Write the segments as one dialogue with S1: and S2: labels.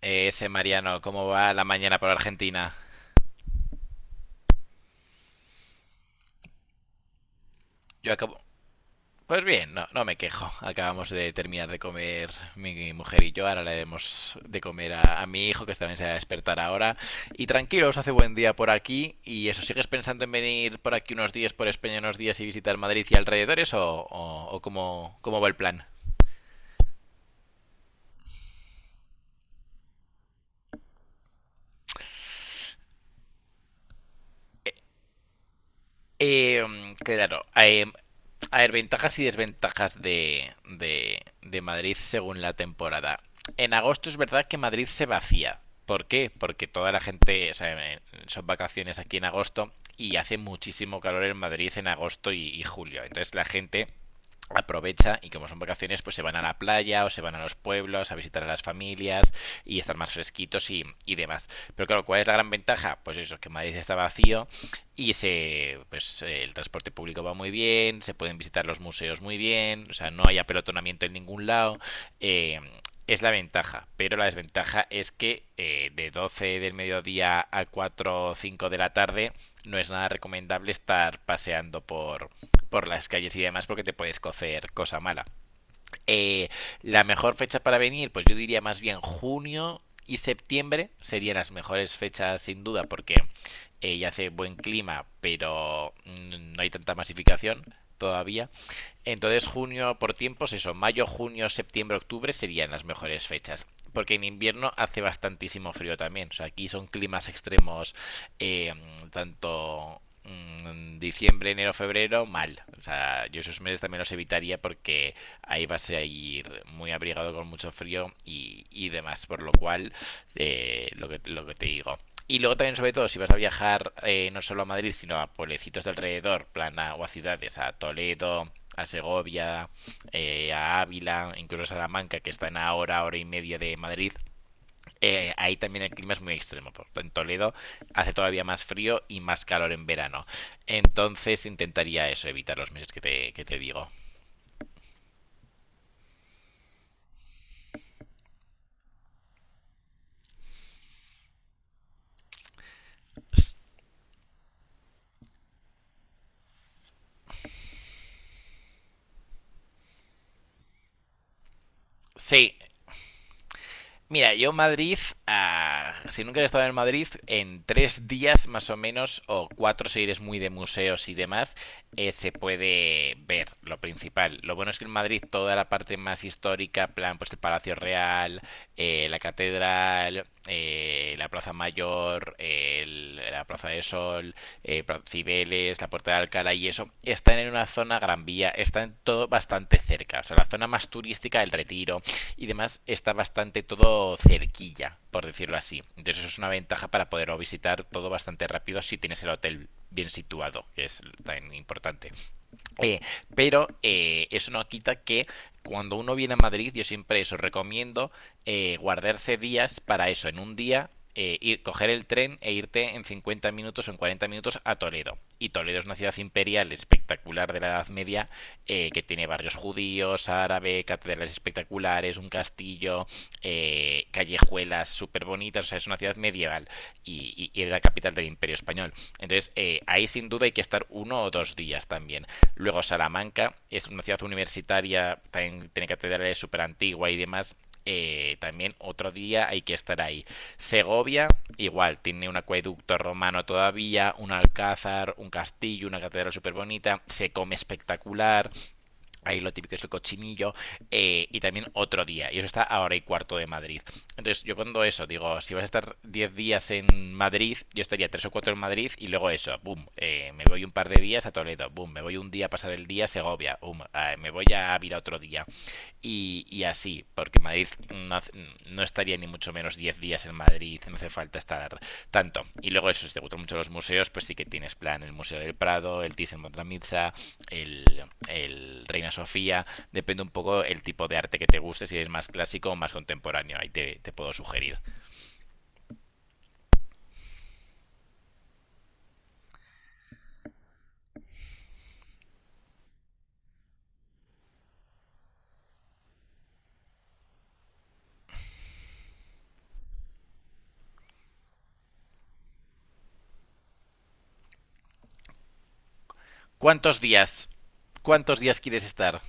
S1: Ese Mariano, ¿cómo va la mañana por Argentina? Yo acabo... Pues bien, no, no me quejo. Acabamos de terminar de comer mi mujer y yo. Ahora le demos de comer a mi hijo, que también se va a despertar ahora. Y tranquilos, hace buen día por aquí. ¿Y eso sigues pensando en venir por aquí unos días, por España unos días y visitar Madrid y alrededores? ¿O cómo va el plan? Eh, claro, a ver, ventajas y desventajas de Madrid según la temporada. En agosto es verdad que Madrid se vacía. ¿Por qué? Porque toda la gente, o sea, eh, son vacaciones aquí en agosto y hace muchísimo calor en Madrid en agosto y julio. Entonces la gente aprovecha y como son vacaciones, pues se van a la playa o se van a los pueblos a visitar a las familias y estar más fresquitos y demás. Pero claro, ¿cuál es la gran ventaja? Pues eso, que Madrid está vacío, y pues, el transporte público va muy bien, se pueden visitar los museos muy bien, o sea, no hay apelotonamiento en ningún lado. eh, es la ventaja, pero la desventaja es que de 12 del mediodía a 4 o 5 de la tarde no es nada recomendable estar paseando por las calles y demás porque te puedes cocer cosa mala. Eh, la mejor fecha para venir, pues yo diría más bien junio y septiembre serían las mejores fechas sin duda porque ya hace buen clima, pero no hay tanta masificación todavía. Entonces junio por tiempos, eso, mayo, junio, septiembre, octubre serían las mejores fechas. Porque en invierno hace bastantísimo frío también. O sea, aquí son climas extremos eh, tanto diciembre, enero, febrero, mal. O sea, yo esos meses también los evitaría porque ahí vas a ir muy abrigado con mucho frío y demás, por lo cual, lo que te digo. Y luego también, sobre todo, si vas a viajar no solo a Madrid, sino a pueblecitos de alrededor, plan o a ciudades, a Toledo, a Segovia, a Ávila, incluso a Salamanca, que están a hora, hora y media de Madrid, ahí también el clima es muy extremo. Por en Toledo hace todavía más frío y más calor en verano. Entonces intentaría eso, evitar los meses que te digo. Sí, mira, yo Madrid, ah, si nunca he estado en Madrid, en 3 días más o menos, o cuatro si eres muy de museos y demás, se puede ver lo principal. Lo bueno es que en Madrid toda la parte más histórica, plan, pues el Palacio Real, la Catedral, la Plaza Mayor, la Plaza de Sol, Cibeles, la Puerta de Alcalá y eso, están en una zona Gran Vía, están todo bastante cerca. O sea, la zona más turística, el Retiro, y demás está bastante todo cerquilla, por decirlo así. Entonces eso es una ventaja para poder visitar todo bastante rápido si tienes el hotel bien situado, que es tan importante. Eh, pero eso no quita que cuando uno viene a Madrid, yo siempre eso recomiendo guardarse días para eso. En un día, ir, coger el tren e irte en 50 minutos o en 40 minutos a Toledo. Y Toledo es una ciudad imperial espectacular de la Edad Media que tiene barrios judíos, árabe, catedrales espectaculares, un castillo, callejuelas súper bonitas. O sea, es una ciudad medieval y era la capital del Imperio Español. Entonces, ahí sin duda hay que estar 1 o 2 días también. Luego Salamanca es una ciudad universitaria, también tiene catedrales súper antigua y demás. También otro día hay que estar ahí. Segovia, igual, tiene un acueducto romano todavía, un alcázar, un castillo, una catedral súper bonita, se come espectacular. Ahí lo típico es el cochinillo y también otro día. Y eso está a hora y cuarto de Madrid. Entonces, yo cuando eso, digo, si vas a estar 10 días en Madrid, yo estaría 3 o 4 en Madrid y luego eso, boom, me voy un par de días a Toledo, boom, me voy un día a pasar el día a Segovia, boom, me voy a Ávila otro día. Y así, porque Madrid no, no estaría ni mucho menos 10 días en Madrid, no hace falta estar tanto. Y luego eso, si te gustan mucho los museos, pues sí que tienes plan el Museo del Prado, el Thyssen-Bornemisza, el, el Reina Sofía, depende un poco el tipo de arte que te guste, si es más clásico o más contemporáneo, ahí te puedo sugerir. ¿Cuántos días? ¿Cuántos días quieres estar?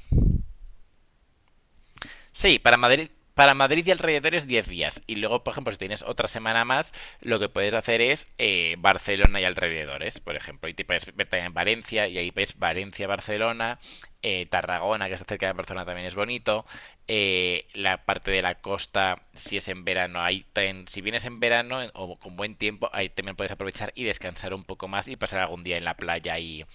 S1: Sí, para Madrid y alrededores 10 días. Y luego, por ejemplo, si tienes otra semana más, lo que puedes hacer es Barcelona y alrededores, por ejemplo. Y te puedes ver también en Valencia, y ahí ves Valencia, Barcelona, Tarragona, que está cerca de Barcelona, también es bonito. La parte de la costa, si es en verano, si vienes en verano o con buen tiempo, ahí también puedes aprovechar y descansar un poco más y pasar algún día en la playa y,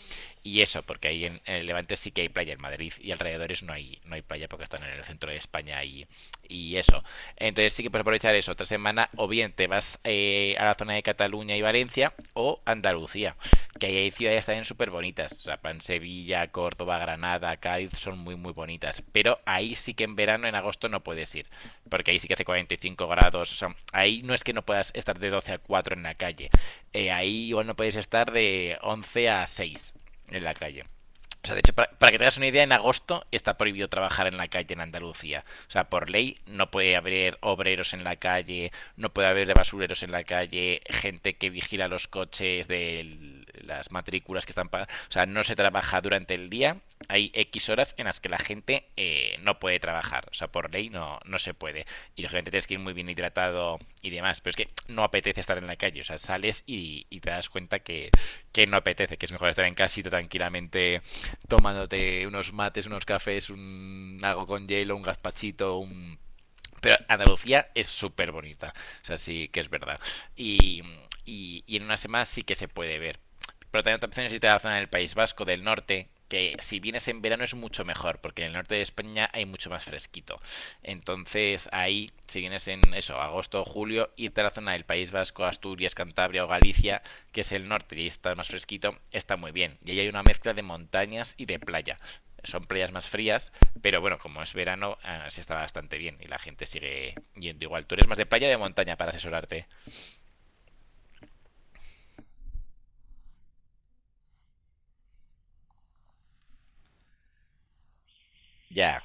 S1: y eso, porque ahí en el Levante sí que hay playa, en Madrid y alrededores no hay playa porque están en el centro de España y eso. Entonces sí que puedes aprovechar eso otra semana o bien te vas a la zona de Cataluña y Valencia o Andalucía, que ahí hay ciudades también súper bonitas. O sea, en Sevilla, Córdoba, Granada, Cádiz son muy muy bonitas. Pero ahí sí que en verano, en agosto no puedes ir, porque ahí sí que hace 45 grados. O sea, ahí no es que no puedas estar de 12 a 4 en la calle, ahí igual no podéis estar de 11 a 6 en la calle. O sea, de hecho, para que tengas una idea, en agosto está prohibido trabajar en la calle en Andalucía. O sea, por ley no puede haber obreros en la calle, no puede haber basureros en la calle, gente que vigila los coches de las matrículas que están pagadas. O sea, no se trabaja durante el día. Hay X horas en las que la gente no puede trabajar. O sea, por ley no, no se puede. Y lógicamente tienes que ir muy bien hidratado y demás. Pero es que no apetece estar en la calle. O sea, sales y te das cuenta que no apetece, que es mejor estar en casita tranquilamente tomándote unos mates, unos cafés, algo con hielo, un gazpachito. Pero Andalucía es súper bonita. O sea, sí que es verdad. Y, y en una semana sí que se puede ver. Pero también otra opción es irte a la zona del País Vasco, del norte, que si vienes en verano es mucho mejor, porque en el norte de España hay mucho más fresquito. Entonces ahí, si vienes en eso, agosto o julio, irte a la zona del País Vasco, Asturias, Cantabria o Galicia, que es el norte y está más fresquito, está muy bien. Y ahí hay una mezcla de montañas y de playa. Son playas más frías, pero bueno, como es verano, sí está bastante bien y la gente sigue yendo igual. Tú eres más de playa o de montaña para asesorarte. Ya.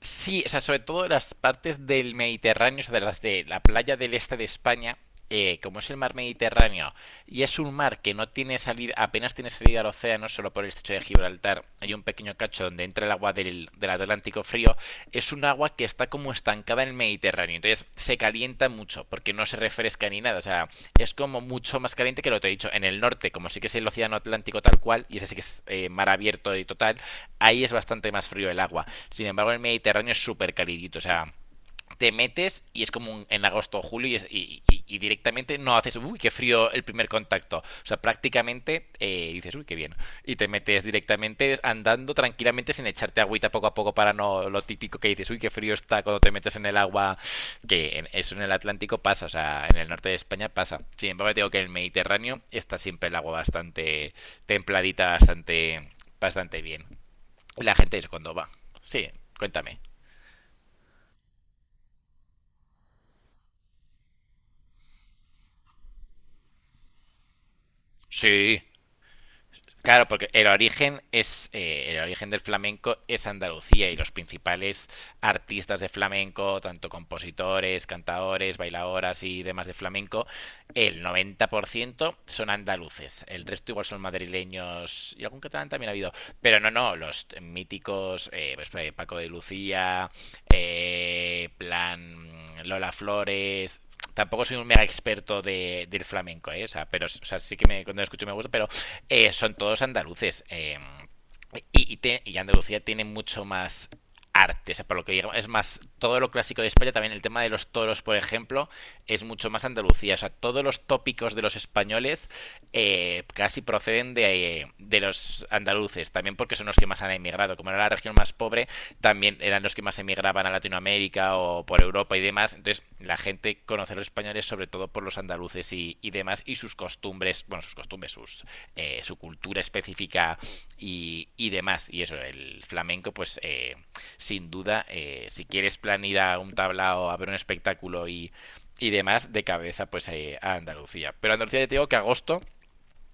S1: Sí, o sea, sobre todo las partes del Mediterráneo, o sea, de las de la playa del este de España, como es el mar Mediterráneo y es un mar que no tiene salida, apenas tiene salida al océano, solo por el estrecho de Gibraltar, hay un pequeño cacho donde entra el agua del Atlántico frío, es un agua que está como estancada en el Mediterráneo, entonces se calienta mucho porque no se refresca ni nada, o sea, es como mucho más caliente que lo que te he dicho. En el norte, como sí que es el océano Atlántico tal cual, y ese sí que es mar abierto y total, ahí es bastante más frío el agua. Sin embargo, el Mediterráneo es súper calidito, o sea, te metes y es como en agosto o julio y directamente no haces, uy, qué frío el primer contacto. O sea, prácticamente dices, uy, qué bien. Y te metes directamente andando tranquilamente sin echarte agüita poco a poco para no lo típico que dices, uy, qué frío está cuando te metes en el agua, eso en el Atlántico pasa, o sea, en el norte de España pasa. Sin embargo, te digo que en el Mediterráneo está siempre el agua bastante templadita, bastante, bastante bien. La gente es cuando va. Sí, cuéntame. Sí, claro, porque el origen del flamenco es Andalucía y los principales artistas de flamenco, tanto compositores, cantadores, bailadoras y demás de flamenco, el 90% son andaluces. El resto igual son madrileños y algún catalán también ha habido, pero no, no, los míticos Paco de Lucía, plan Lola Flores, tampoco soy un mega experto del flamenco, ¿eh? O sea, pero, o sea, sí que cuando lo escucho me gusta, pero son todos andaluces. Andalucía tiene mucho más arte, o sea, por lo que digo, es más, todo lo clásico de España, también el tema de los toros, por ejemplo, es mucho más Andalucía, o sea, todos los tópicos de los españoles casi proceden de los andaluces, también porque son los que más han emigrado, como era la región más pobre, también eran los que más emigraban a Latinoamérica o por Europa y demás. Entonces, la gente conoce a los españoles sobre todo por los andaluces y demás y sus costumbres, bueno, sus costumbres, su cultura específica y, demás. Y eso, el flamenco, pues sin duda, si quieres plan ir a un tablao, a ver un espectáculo y demás, de cabeza, pues a Andalucía. Pero Andalucía, te digo que agosto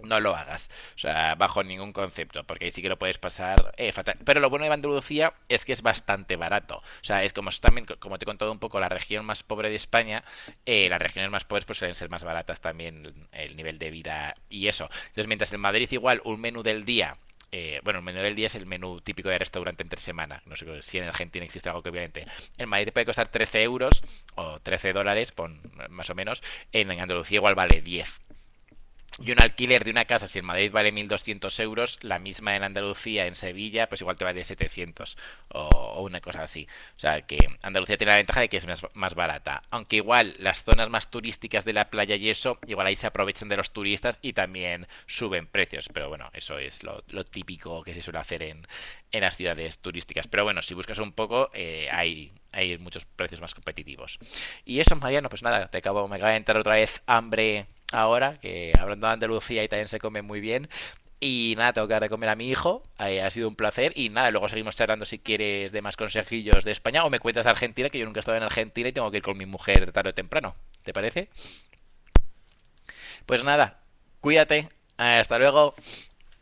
S1: no lo hagas. O sea, bajo ningún concepto, porque ahí sí que lo puedes pasar fatal. Pero lo bueno de Andalucía es que es bastante barato. O sea, es como también, como te he contado un poco, la región más pobre de España, las regiones más pobres pues suelen ser más baratas también el nivel de vida y eso. Entonces, mientras en Madrid igual un menú del día bueno, el menú del día es el menú típico de restaurante entre semana. No sé si en Argentina existe algo que obviamente. En Madrid te puede costar 13 € o $13, pon, más o menos. En Andalucía igual vale 10. Y un alquiler de una casa, si en Madrid vale 1.200 euros, la misma en Andalucía, en Sevilla, pues igual te vale 700 o una cosa así. O sea que Andalucía tiene la ventaja de que es más barata. Aunque igual las zonas más turísticas de la playa y eso, igual ahí se aprovechan de los turistas y también suben precios. Pero bueno, eso es lo típico que se suele hacer en, las ciudades turísticas. Pero bueno, si buscas un poco, hay muchos precios más competitivos. Y eso, Mariano, pues nada, me acaba de entrar otra vez hambre ahora, que hablando de Andalucía y también se come muy bien. Y nada, tengo que dar de comer a mi hijo. Ha sido un placer. Y nada, luego seguimos charlando si quieres de más consejillos de España o me cuentas de Argentina, que yo nunca he estado en Argentina y tengo que ir con mi mujer tarde o temprano. ¿Te parece? Pues nada, cuídate. Hasta luego.